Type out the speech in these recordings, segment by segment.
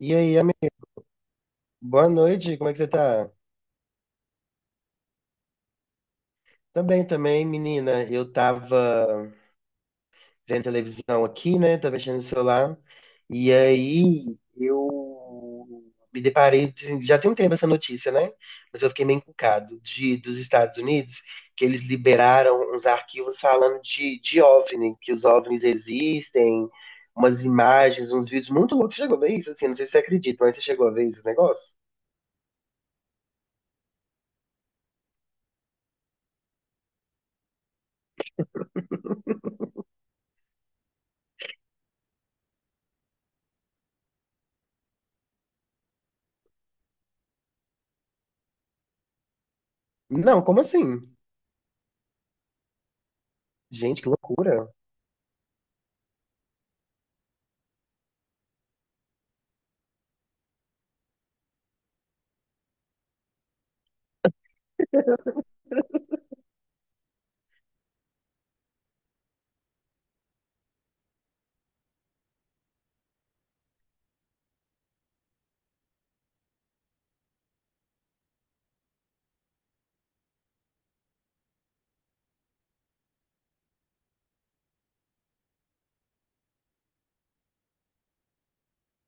E aí, amigo? Boa noite, como é que você tá? Também, também, menina. Eu tava vendo televisão aqui, né? Tava mexendo no celular. E aí, eu me deparei. Já tem um tempo essa notícia, né? Mas eu fiquei meio encucado dos Estados Unidos, que eles liberaram uns arquivos falando de OVNI, que os OVNIs existem, umas imagens, uns vídeos muito loucos. Você chegou a ver isso? Assim, não sei se você acredita, mas você chegou a ver esse negócio? Não, como assim? Gente, que loucura.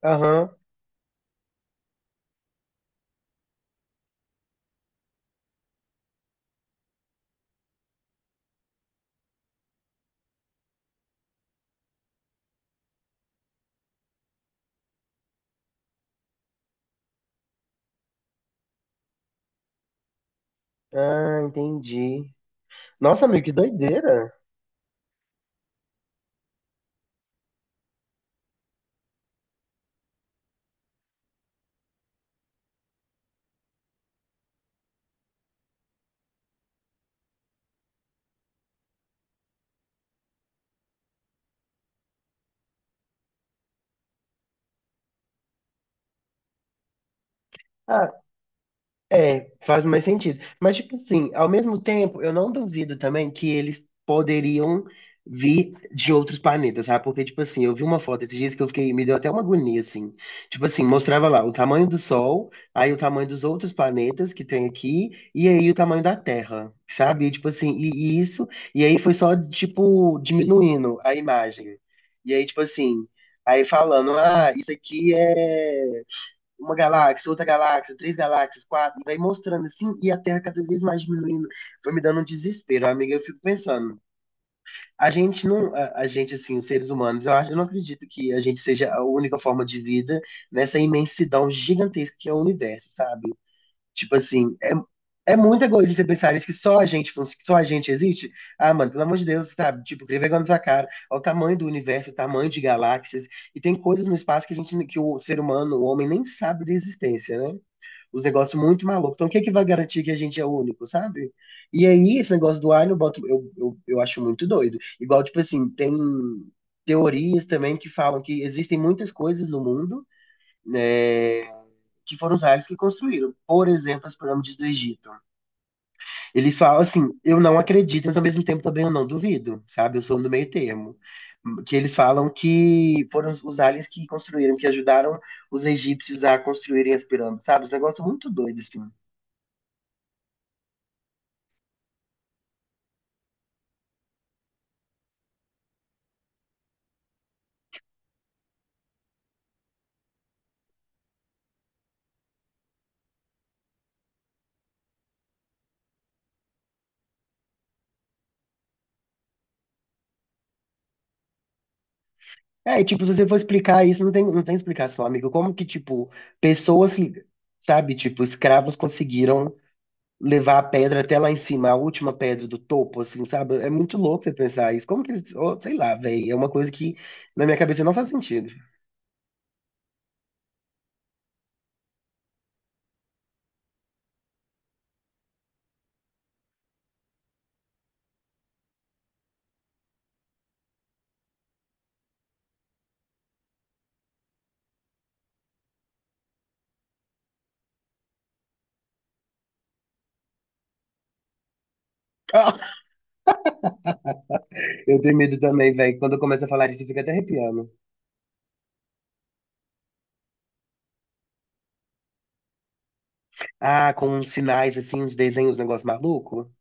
Aham. Ah, entendi. Nossa, amigo, que doideira. Ah, é, faz mais sentido. Mas, tipo assim, ao mesmo tempo, eu não duvido também que eles poderiam vir de outros planetas, sabe? Porque, tipo assim, eu vi uma foto esses dias que eu fiquei, me deu até uma agonia, assim. Tipo assim, mostrava lá o tamanho do Sol, aí o tamanho dos outros planetas que tem aqui, e aí o tamanho da Terra, sabe? E, tipo assim, e isso, e aí foi só, tipo, diminuindo a imagem. E aí, tipo assim, aí falando, ah, isso aqui é uma galáxia, outra galáxia, três galáxias, quatro, vai mostrando assim, e a Terra cada vez mais diminuindo, foi me dando um desespero, amiga, eu fico pensando, a gente não, a gente assim, os seres humanos, eu acho, eu não acredito que a gente seja a única forma de vida nessa imensidão gigantesca que é o universo, sabe? Tipo assim, é muito egoísmo você pensar isso, que só a gente, que só a gente existe. Ah, mano, pelo amor de Deus, sabe? Tipo, tem vergonha na sua cara. Olha o tamanho do universo, o tamanho de galáxias. E tem coisas no espaço que a gente, que o ser humano, o homem, nem sabe da existência, né? Os negócios muito malucos. Então, o que é que vai garantir que a gente é único, sabe? E aí, esse negócio do Alien, eu, boto, eu acho muito doido. Igual, tipo assim, tem teorias também que falam que existem muitas coisas no mundo, né, que foram os aliens que construíram. Por exemplo, as pirâmides do Egito. Eles falam assim, eu não acredito, mas ao mesmo tempo também eu não duvido, sabe? Eu sou no meio termo. Que eles falam que foram os aliens que construíram, que ajudaram os egípcios a construírem as pirâmides, sabe? Um negócio muito doido, assim. É, e, tipo, se você for explicar isso, não tem explicação, amigo. Como que, tipo, pessoas, sabe, tipo, escravos conseguiram levar a pedra até lá em cima, a última pedra do topo, assim, sabe? É muito louco você pensar isso. Como que eles. Oh, sei lá, velho. É uma coisa que na minha cabeça não faz sentido. Ah, eu tenho medo também, velho. Quando eu começo a falar disso, eu fico até arrepiando. Ah, com uns sinais, assim, uns desenhos, um negócio maluco.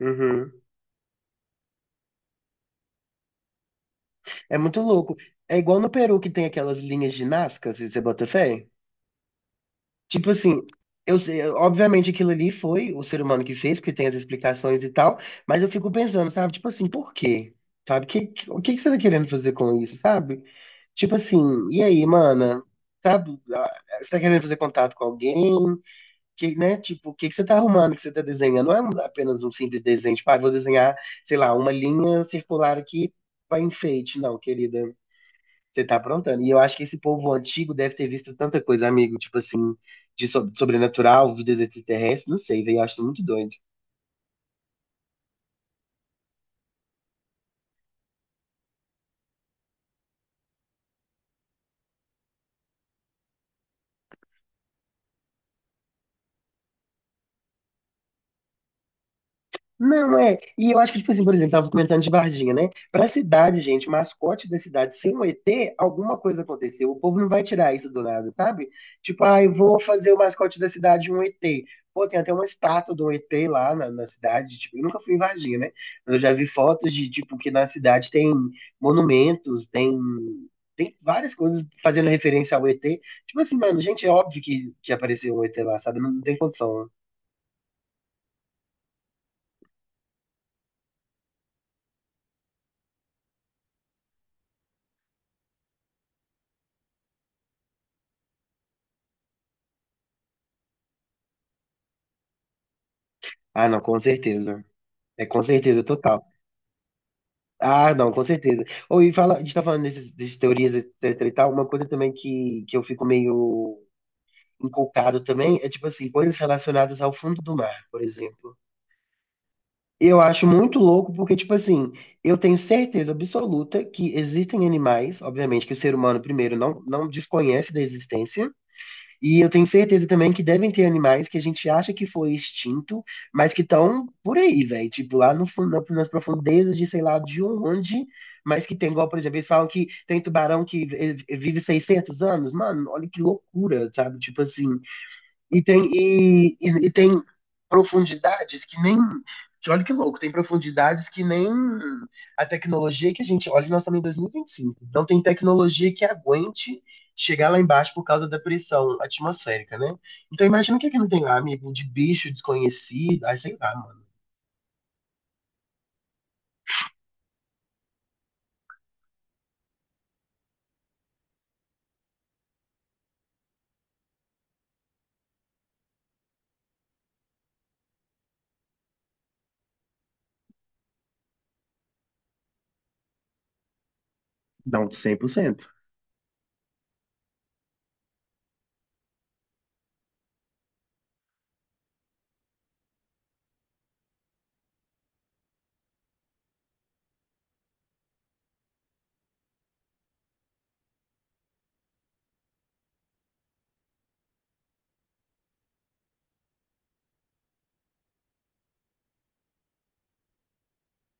Uhum. É muito louco. É igual no Peru que tem aquelas linhas de Nazca, se você bota fé. Tipo assim, eu sei, obviamente aquilo ali foi o ser humano que fez, porque tem as explicações e tal, mas eu fico pensando, sabe? Tipo assim, por quê? Sabe? O que que você tá querendo fazer com isso, sabe? Tipo assim, e aí, mana? Sabe? Ah, você tá querendo fazer contato com alguém? Que, né? Tipo, o que que você tá arrumando, que você tá desenhando? Não é apenas um simples desenho, tipo, ah, vou desenhar, sei lá, uma linha circular aqui pra enfeite, não, querida. Você tá aprontando. E eu acho que esse povo antigo deve ter visto tanta coisa, amigo, tipo assim, de sobrenatural, vidas extraterrestres, não sei, velho, eu acho isso muito doido. Não, é. E eu acho que, tipo assim, por exemplo, tava comentando de Varginha, né? Pra cidade, gente, o mascote da cidade ser um ET, alguma coisa aconteceu. O povo não vai tirar isso do nada, sabe? Tipo, ah, eu vou fazer o mascote da cidade um ET. Pô, tem até uma estátua do ET lá na cidade. Tipo, eu nunca fui em Varginha, né? Mas eu já vi fotos de, tipo, que na cidade tem monumentos, tem. Tem várias coisas fazendo referência ao ET. Tipo assim, mano, gente, é óbvio que, apareceu um ET lá, sabe? Não tem condição. Ah, não, com certeza. É com certeza, total. Ah, não, com certeza. Ou e fala, a gente tá falando dessas, dessas teorias, etc e tal, uma coisa também que eu fico meio inculcado também é, tipo assim, coisas relacionadas ao fundo do mar, por exemplo. Eu acho muito louco porque, tipo assim, eu tenho certeza absoluta que existem animais, obviamente, que o ser humano, primeiro, não desconhece da existência, e eu tenho certeza também que devem ter animais que a gente acha que foi extinto, mas que estão por aí, velho. Tipo, lá no fundo, nas profundezas de sei lá de onde, mas que tem, igual, por exemplo, eles falam que tem tubarão que vive 600 anos. Mano, olha que loucura, sabe? Tipo assim, e tem profundidades que nem. Que olha que louco, tem profundidades que nem a tecnologia que a gente olha, nós estamos em dois mil e vinte e cinco. Então tem tecnologia que aguente chegar lá embaixo por causa da pressão atmosférica, né? Então imagina o que é que não tem lá, amigo, de bicho desconhecido. Ai, sei lá, mano. Não, 100%.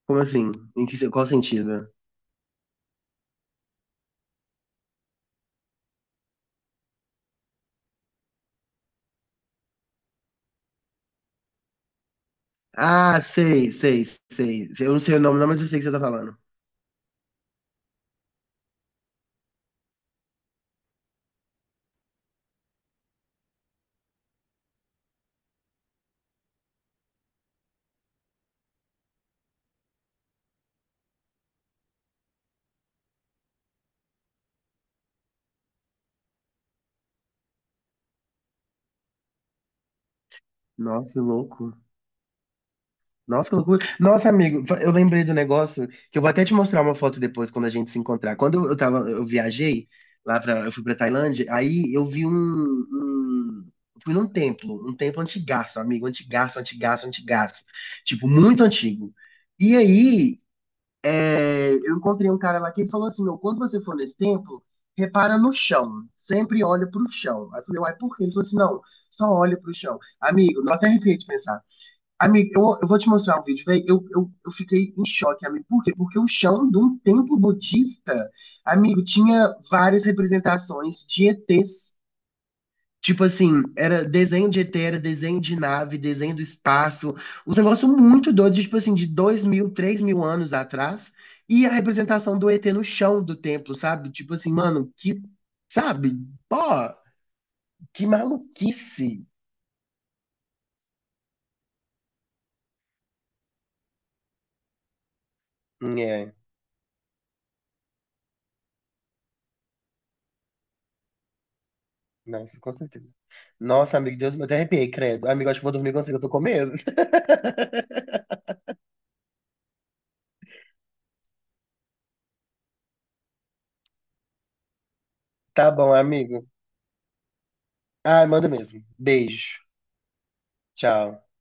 Como assim? Em que, qual sentido? Ah, sei, sei, sei. Eu não sei o nome, não, mas eu sei o que você tá falando. Nossa, que louco. Nossa, que loucura. Nossa, amigo, eu lembrei do negócio que eu vou até te mostrar uma foto depois quando a gente se encontrar. Quando eu tava, eu viajei lá para, eu fui para Tailândia, aí eu fui num templo, um templo antigaço, amigo, antigaço, antigaço, antigaço, tipo muito antigo. E aí, é, eu encontrei um cara lá que falou assim, meu, quando você for nesse templo, repara no chão, sempre olha pro chão. Aí eu falei, uai, por quê? Ele falou assim, não, só olha pro chão. Amigo, não até arrepiei de pensar. Amigo, eu vou te mostrar um vídeo, velho. Eu fiquei em choque, amigo. Por quê? Porque o chão de um templo budista, amigo, tinha várias representações de ETs. Tipo assim, era desenho de ET, era desenho de nave, desenho do espaço. Uns negócios muito doidos, tipo assim, de 2.000, 3.000 anos atrás. E a representação do ET no chão do templo, sabe? Tipo assim, mano, que. Sabe? Pô, que maluquice. É. Nossa, com certeza. Nossa, amigo, Deus, me até arrepiei, credo. Amigo, acho que vou dormir contigo, eu tô com medo. Tá bom, amigo. Ai, manda mesmo. Beijo. Tchau.